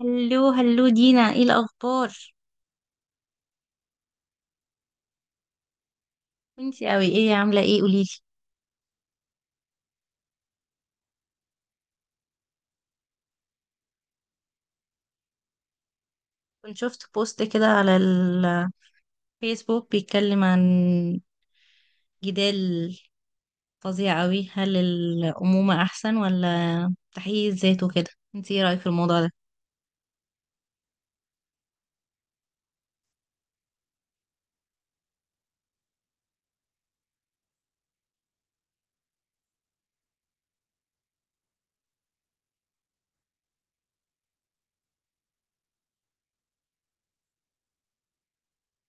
هلو هلو دينا، ايه الاخبار؟ انتي اوي، ايه عامله ايه؟ قوليلي. كنت شفت بوست كده على الفيسبوك بيتكلم عن جدال فظيع اوي. هل الامومه احسن ولا تحقيق الذات وكده؟ انتي ايه رايك في الموضوع ده؟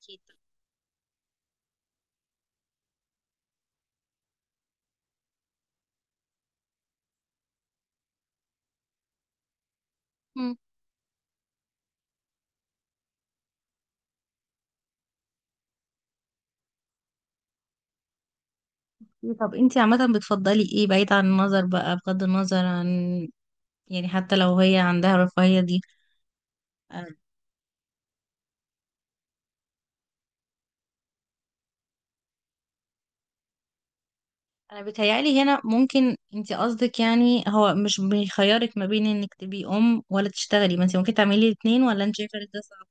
أكيد. مم. طب انتي عامه بتفضلي ايه، بعيد عن النظر بقى، بغض النظر عن، يعني حتى لو هي عندها الرفاهيه دي؟ انا بيتهيألي هنا ممكن انت قصدك، يعني هو مش بيخيرك ما بين انك تبقي ام ولا تشتغلي، ما انت ممكن تعملي الاثنين، ولا انت شايفه إن ده صعب؟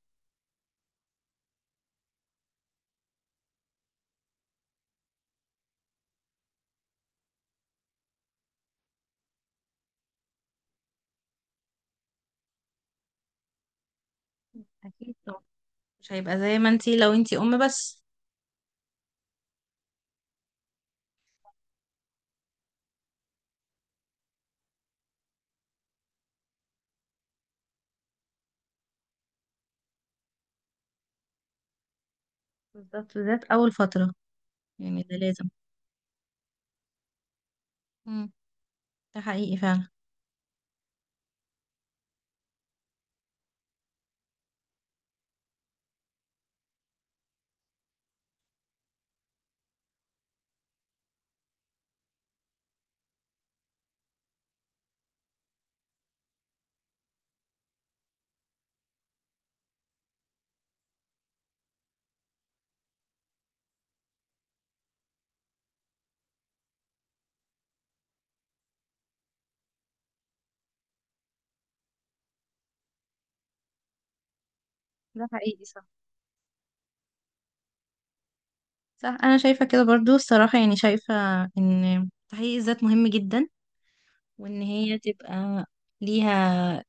اكيد طبعا. مش هيبقى زي ما انت لو انت ام بس. بالظبط، بالذات اول فتره. يعني ده لازم. امم ده حقيقي فعلا. ده حقيقي، صح. صح، انا شايفه كده برضو الصراحه، يعني شايفه ان تحقيق الذات مهم جدا، وان هي تبقى ليها،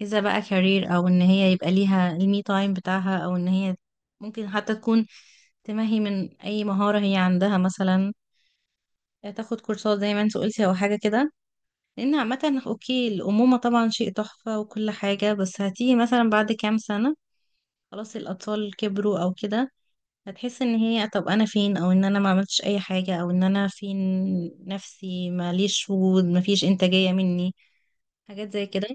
إذا بقى كارير، أو إن هي يبقى ليها المي تايم بتاعها، أو إن هي ممكن حتى تكون تمهي من أي مهارة هي عندها، مثلا تاخد كورسات زي ما انت قلتي أو حاجة كده. لأن عامة أوكي، الأمومة طبعا شيء تحفة وكل حاجة، بس هتيجي مثلا بعد كام سنة خلاص الأطفال كبروا أو كده، هتحس إن هي، طب أنا فين؟ أو إن أنا ما عملتش أي حاجة، أو إن أنا فين؟ نفسي ماليش وجود، مفيش إنتاجية مني، حاجات زي كده.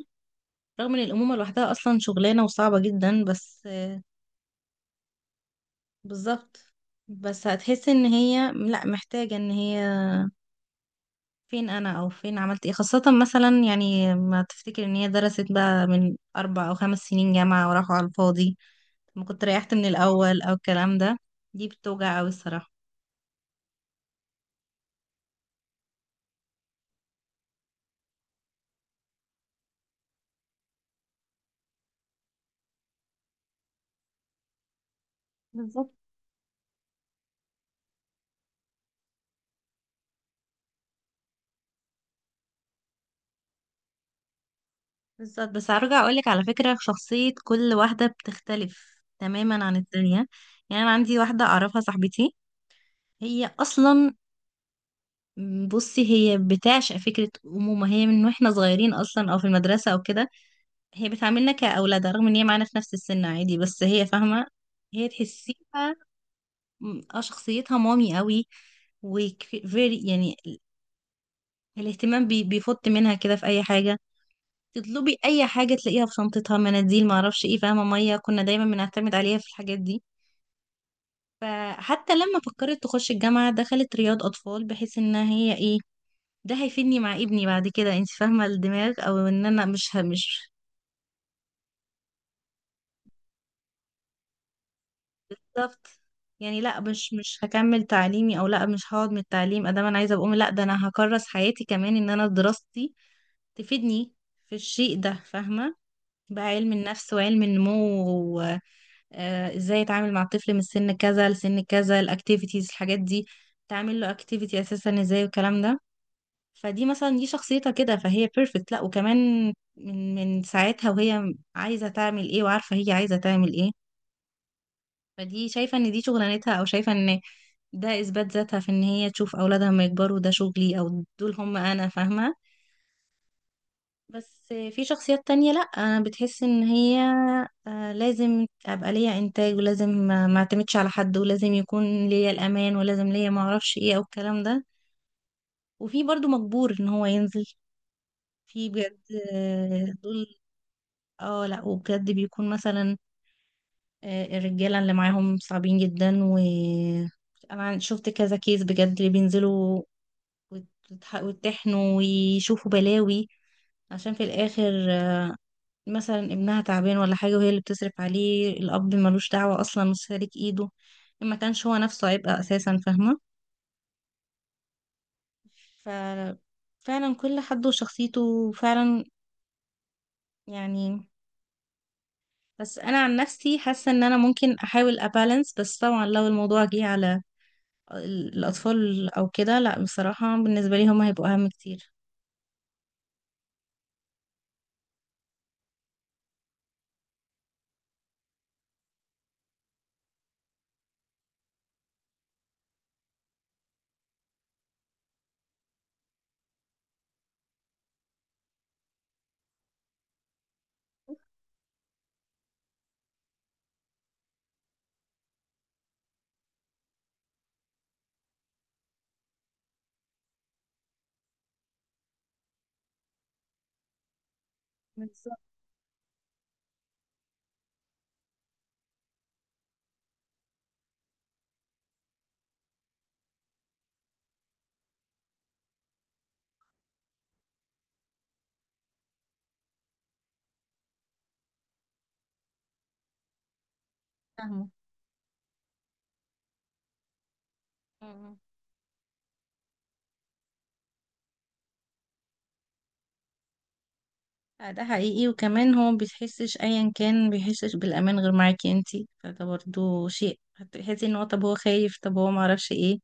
رغم ان الامومه لوحدها اصلا شغلانه وصعبه جدا بس. بالظبط. بس هتحسي ان هي، لا، محتاجة ان هي فين انا او فين عملت ايه، خاصة مثلا يعني ما تفتكر ان هي درست بقى من 4 او 5 سنين جامعة وراحوا على الفاضي، ما كنت ريحت من الاول او الكلام ده. دي بتوجع اوي الصراحة. بالظبط بالظبط. بس هرجع اقولك على فكرة، شخصية كل واحدة بتختلف تماما عن التانية. يعني انا عندي واحدة اعرفها صاحبتي، هي اصلا، بصي هي بتعشق فكرة أمومة هي من واحنا صغيرين أصلا، أو في المدرسة أو كده. هي بتعاملنا كأولادها، رغم ان هي معانا في نفس السن عادي، بس هي فاهمة. هي تحسيها. اه، شخصيتها مامي قوي. وفيري، يعني الاهتمام بي بيفط منها كده في اي حاجة تطلبي، اي حاجة تلاقيها في شنطتها، مناديل، معرفش ايه، فاهمة؟ مية، كنا دايما بنعتمد عليها في الحاجات دي. فحتى لما فكرت تخش الجامعة دخلت رياض اطفال، بحيث ان هي ايه، ده هيفيدني مع ابني بعد كده، انت فاهمة الدماغ، او ان انا مش. بالظبط. يعني لا، مش هكمل تعليمي، او لا، مش هقعد من التعليم ادام انا عايزه اقوم. لا، ده انا هكرس حياتي كمان ان انا دراستي تفيدني في الشيء ده، فاهمه؟ بقى علم النفس وعلم النمو، وازاي اتعامل مع الطفل من سن كذا لسن كذا، الاكتيفيتيز، الحاجات دي، تعمل له اكتيفيتي اساسا ازاي، والكلام ده. فدي مثلا، دي شخصيتها كده، فهي بيرفكت. لا وكمان، من ساعتها وهي عايزه تعمل ايه وعارفه هي عايزه تعمل ايه. فدي شايفة ان دي شغلانتها، او شايفة ان ده اثبات ذاتها، في ان هي تشوف اولادها لما يكبروا، ده شغلي او دول هم انا، فاهمة. بس في شخصيات تانية، لا، أنا بتحس ان هي لازم ابقى ليا انتاج، ولازم ما اعتمدش على حد، ولازم يكون ليا الامان، ولازم ليا ما اعرفش ايه او الكلام ده. وفي برضو مجبور ان هو ينزل. في بجد. آه، دول. اه لا، وبجد بيكون مثلا الرجالة اللي معاهم صعبين جدا، و أنا شفت كذا كيس بجد اللي بينزلوا ويتحنوا ويشوفوا بلاوي، عشان في الآخر، مثلا ابنها تعبان ولا حاجة، وهي اللي بتصرف عليه، الأب ملوش دعوة أصلا وسالك إيده، ما كانش هو نفسه عبء أساسا فاهمة. ففعلا كل حد وشخصيته فعلا، يعني. بس أنا عن نفسي حاسة إن أنا ممكن أحاول أبالانس، بس طبعا لو الموضوع جه على الأطفال أو كده، لأ بصراحة، بالنسبة لي هما هيبقوا أهم كتير. بالظبط. فاهمة. مم. آه، ده حقيقي. وكمان هو بيحسش أيا كان بيحسش بالأمان غير معاكي انتي، فده برضو شيء هتحسي ان هو طب هو خايف، طب هو معرفش ايه.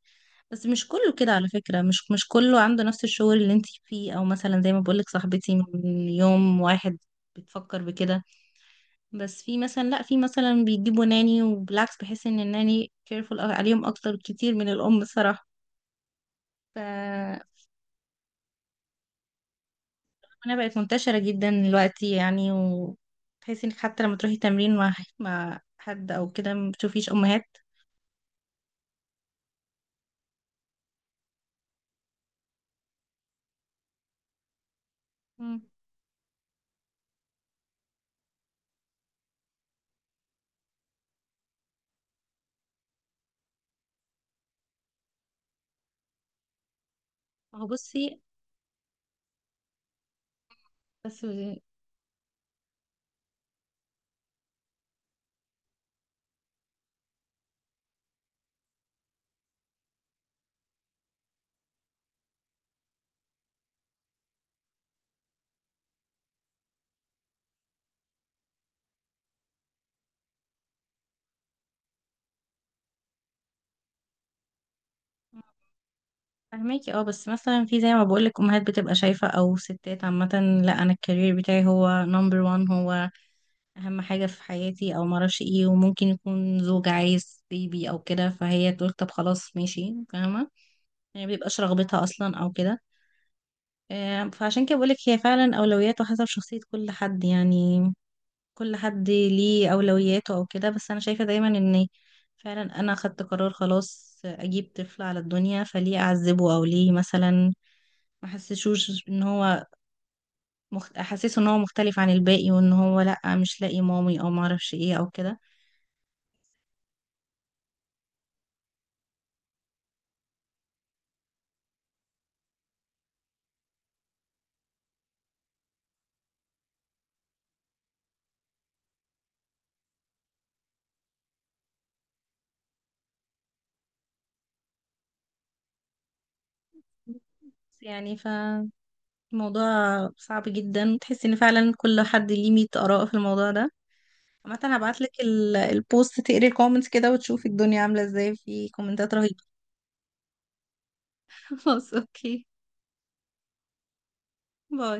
بس مش كله كده على فكرة، مش كله عنده نفس الشعور اللي انتي فيه، او مثلا زي ما بقولك صاحبتي من يوم واحد بتفكر بكده. بس في مثلا، لا في مثلا بيجيبوا ناني، وبالعكس بحس ان الناني كيرفول عليهم اكتر كتير من الام الصراحة. ف- فانا بقت منتشرة جدا دلوقتي يعني، وتحسي انك حتى لما تروحي تمرين مع حد او كده ما بتشوفيش امهات. مم. ما هو بصي. بس. فهماكي. اه، بس مثلا في زي ما بقولك امهات بتبقى شايفة او ستات عامة، لا، انا الكارير بتاعي هو نمبر وان، هو اهم حاجة في حياتي او معرفش ايه، وممكن يكون زوج عايز بيبي او كده، فهي تقول طب خلاص ماشي فاهمة. يعني مبيبقاش رغبتها اصلا او كده. فعشان كده بقولك هي فعلا أولويات وحسب شخصية كل حد، يعني. كل حد ليه أولوياته أو كده. بس أنا شايفة دايما إن فعلا أنا خدت قرار خلاص أجيب طفل على الدنيا، فليه أعذبه؟ أو ليه مثلا ما أحسسوش إن هو أحسسه إن هو مختلف عن الباقي، وإن هو لأ مش لاقي مامي أو معرفش إيه أو كده. بس يعني فالموضوع صعب جدا، تحس إن فعلا كل حد ليه 100 آراء في الموضوع ده. عامة هبعتلك البوست تقري الكومنتس كده، وتشوفي الدنيا عاملة ازاي، في كومنتات رهيبة. خلاص اوكي. باي.